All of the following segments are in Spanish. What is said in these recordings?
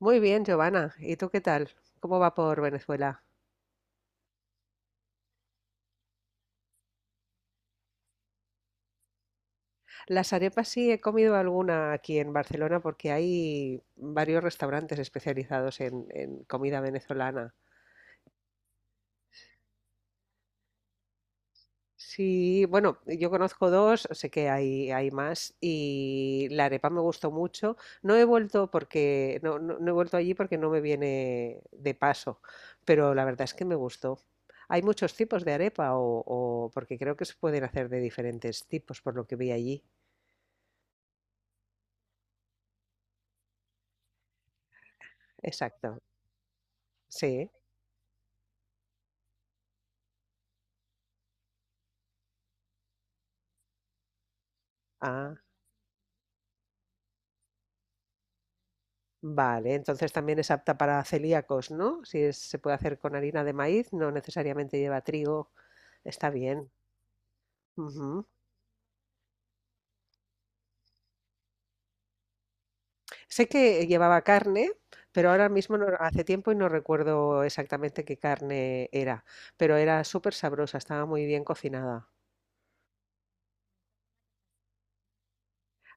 Muy bien, Giovanna. ¿Y tú qué tal? ¿Cómo va por Venezuela? Las arepas sí he comido alguna aquí en Barcelona porque hay varios restaurantes especializados en comida venezolana. Sí, bueno, yo conozco dos, sé que hay más y la arepa me gustó mucho. No he vuelto porque no he vuelto allí porque no me viene de paso, pero la verdad es que me gustó. Hay muchos tipos de arepa porque creo que se pueden hacer de diferentes tipos por lo que vi allí. Exacto, sí. Ah, vale. Entonces también es apta para celíacos, ¿no? Si es- Se puede hacer con harina de maíz, no necesariamente lleva trigo. Está bien. Ujú. Sé que llevaba carne, pero ahora mismo hace tiempo y no recuerdo exactamente qué carne era, pero era súper sabrosa, estaba muy bien cocinada.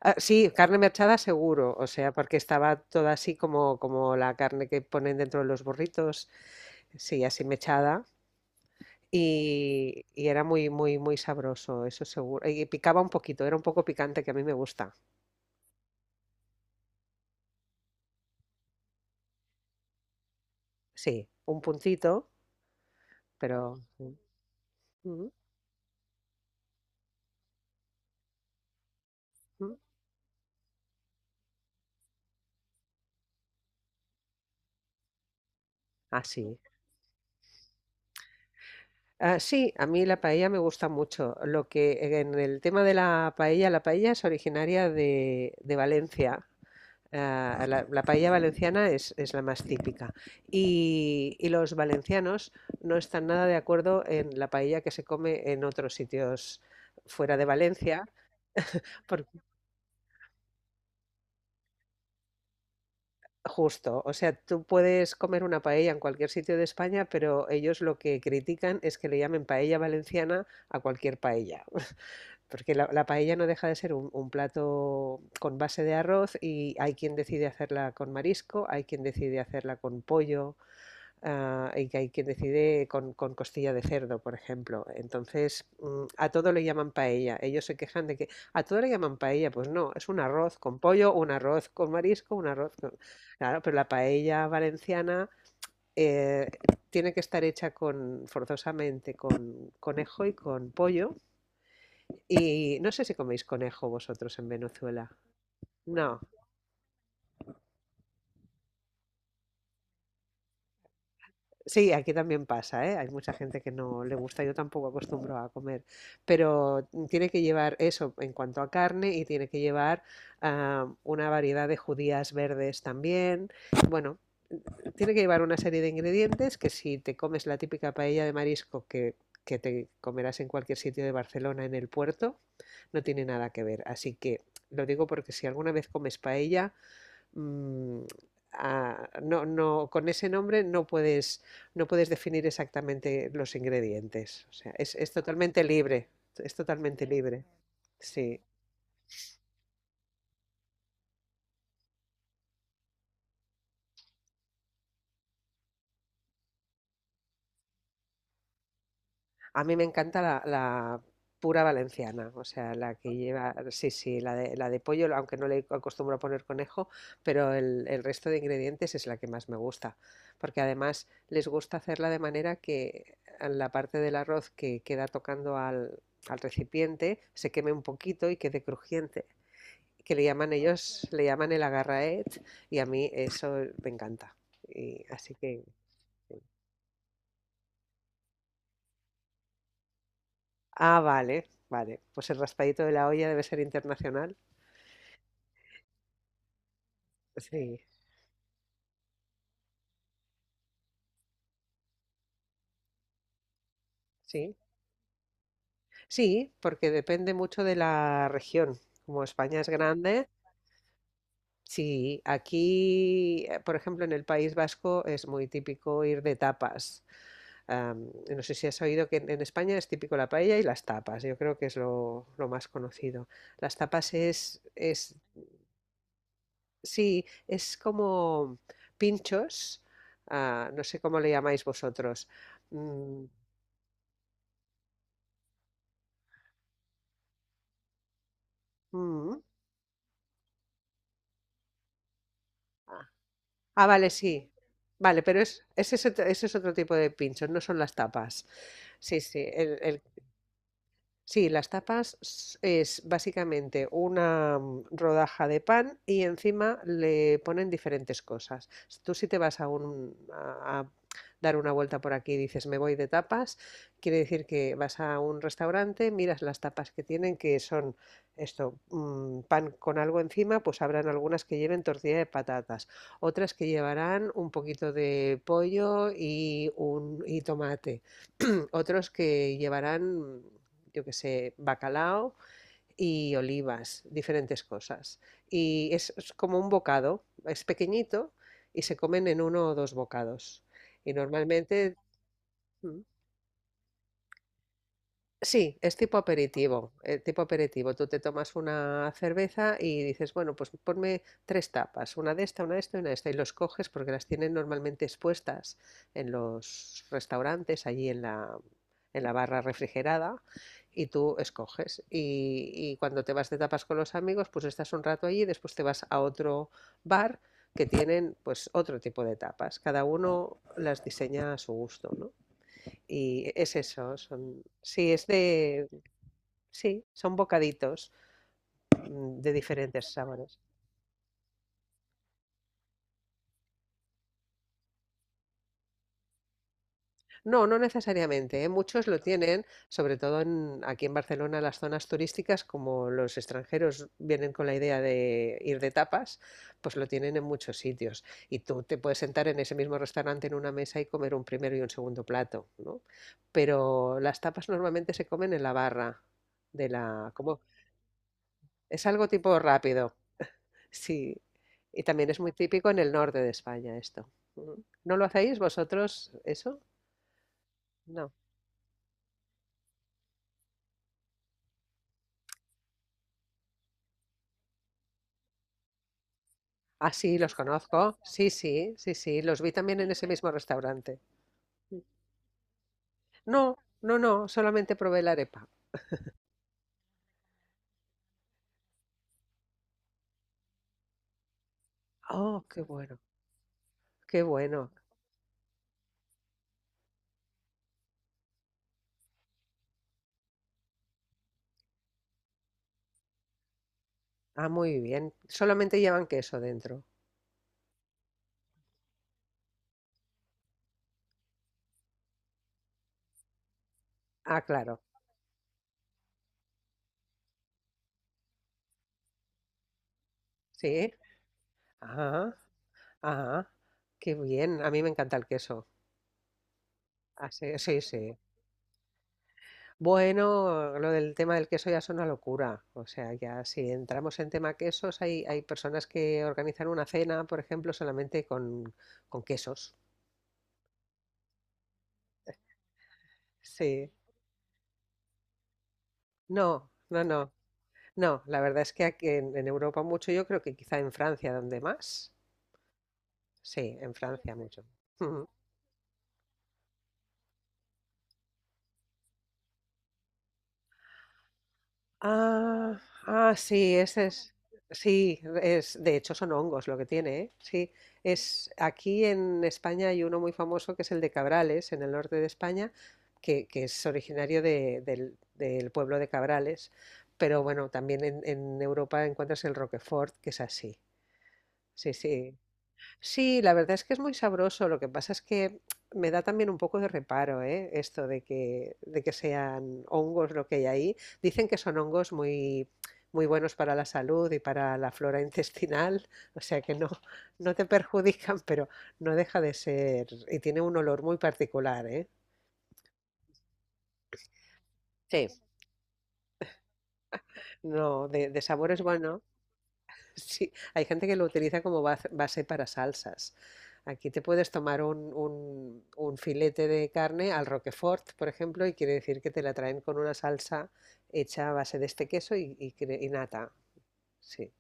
Ah, sí, carne mechada seguro, o sea, porque estaba toda así como, como la carne que ponen dentro de los burritos, sí, así mechada. Y era muy, muy, muy sabroso, eso seguro. Y picaba un poquito, era un poco picante que a mí me gusta. Sí, un puntito, pero sí. Ujú, ujú. Ah, sí. Ah, sí, a mí la paella me gusta mucho. Lo que en el tema de la paella es originaria de Valencia. Ah, la paella valenciana es la más típica. Y los valencianos no están nada de acuerdo en la paella que se come en otros sitios fuera de Valencia. Justo, o sea, tú puedes comer una paella en cualquier sitio de España, pero ellos lo que critican es que le llamen paella valenciana a cualquier paella, porque la paella no deja de ser un plato con base de arroz y hay quien decide hacerla con marisco, hay quien decide hacerla con pollo. Ah, y que hay quien decide con costilla de cerdo, por ejemplo. Entonces, a todo le llaman paella. Ellos se quejan de que a todo le llaman paella. Pues no, es un arroz con pollo, un arroz con marisco, un arroz con... Claro, pero la paella valenciana eh, tiene que estar hecha con, forzosamente con conejo y con pollo. Y no sé si coméis conejo vosotros en Venezuela. No. Sí, aquí también pasa, ¿eh? Hay mucha gente que no le gusta, yo tampoco acostumbro a comer, pero tiene que llevar eso en cuanto a carne y tiene que llevar una variedad de judías verdes también. Bueno, tiene que llevar una serie de ingredientes que si te comes la típica paella de marisco que te comerás en cualquier sitio de Barcelona en el puerto, no tiene nada que ver. Así que lo digo porque si alguna vez comes paella, mm, no, con ese nombre no no puedes definir exactamente los ingredientes. O sea, es totalmente libre, es totalmente libre. Sí, a mí me encanta la pura valenciana, o sea, la que lleva, sí, sí, la de pollo, aunque no le acostumbro a poner conejo, pero el resto de ingredientes es la que más me gusta, porque además les gusta hacerla de manera que la parte del arroz que queda tocando al recipiente se queme un poquito y quede crujiente, que le llaman ellos, le llaman el agarraet, y a mí eso me encanta. Y así que, ah, vale, vale, pues el raspadito de la olla debe ser internacional. Sí, sí, sí, porque depende mucho de la región. Como España es grande, sí, aquí, por ejemplo, en el País Vasco es muy típico ir de tapas. Am, no sé si has oído que en España es típico la paella y las tapas. Yo creo que es lo más conocido. Las sí, es como pinchos, ah, no sé cómo le llamáis vosotros. Mm, mm, Ah, vale, sí. Vale, pero es, ese es otro tipo de pinchos, no son las tapas. Sí, sí, el Sí, las tapas es básicamente una rodaja de pan y encima le ponen diferentes cosas. Tú si te vas a dar una vuelta por aquí y dices me voy de tapas, quiere decir que vas a un restaurante, miras las tapas que tienen, que son esto, pan con algo encima, pues habrán algunas que lleven tortilla de patatas, otras que llevarán un poquito de pollo y tomate. Otros que llevarán, yo qué sé, bacalao y olivas, diferentes cosas. Y es como un bocado, es pequeñito y se comen en uno o dos bocados. Y normalmente, mm, sí, es tipo aperitivo, tipo aperitivo. Tú te tomas una cerveza y dices, bueno, pues ponme tres tapas, una de esta y una de esta, y los coges porque las tienen normalmente expuestas en los restaurantes, allí en en la barra refrigerada, y tú escoges. Y cuando te vas de tapas con los amigos, pues estás un rato allí y después te vas a otro bar que tienen pues otro tipo de tapas. Cada uno las diseña a su gusto, ¿no? Y es eso, son, sí, es de, sí, son bocaditos de diferentes sabores. No, no necesariamente, ¿eh? Muchos lo tienen, sobre todo aquí en Barcelona, las zonas turísticas, como los extranjeros vienen con la idea de ir de tapas, pues lo tienen en muchos sitios. Y tú te puedes sentar en ese mismo restaurante en una mesa y comer un primero y un segundo plato, ¿no? Pero las tapas normalmente se comen en la barra de es algo tipo rápido. Sí, y también es muy típico en el norte de España esto. Ujú. ¿No lo hacéis vosotros eso? No. Ah, sí, los conozco. Sí, sí, sí, sí, los vi también en ese mismo restaurante. No, no, no, solamente probé la arepa. Oh, qué bueno, qué bueno. Ah, muy bien. Solamente llevan queso dentro. Ah, claro. Sí. Ah, ah, qué bien. A mí me encanta el queso. Ah, sí, sí, sí. Bueno, lo del tema del queso ya es una locura. O sea, ya si entramos en tema quesos, hay personas que organizan una cena, por ejemplo, solamente con quesos. Sí. No, no, no. No, la verdad es que aquí en Europa mucho, yo creo que quizá en Francia donde más. Sí, en Francia mucho. Ah, ah, sí, ese es, sí, es, de hecho son hongos lo que tiene, ¿eh? Sí, es, aquí en España hay uno muy famoso que es el de Cabrales, en el norte de España, que es originario del pueblo de Cabrales, pero bueno, también en Europa encuentras el Roquefort, que es así, sí, sí. Sí, la verdad es que es muy sabroso. Lo que pasa es que me da también un poco de reparo, ¿eh? Esto de que sean hongos lo que hay ahí. Dicen que son hongos muy, muy buenos para la salud y para la flora intestinal, o sea que no te perjudican, pero no deja de ser. Y tiene un olor muy particular, ¿eh? Sí. No, de sabores bueno. Sí, hay gente que lo utiliza como base para salsas. Aquí te puedes tomar un filete de carne al Roquefort, por ejemplo, y quiere decir que te la traen con una salsa hecha a base de este queso y nata. Sí,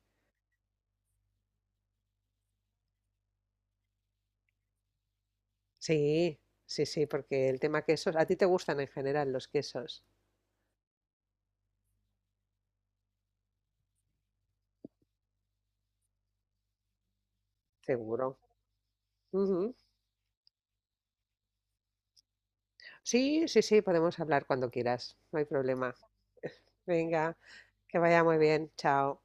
sí, sí, sí, porque el tema quesos, a ti te gustan en general los quesos, seguro. Ujú. Sí, sí, sí, podemos hablar cuando quieras, no hay problema. Venga, que vaya muy bien, chao.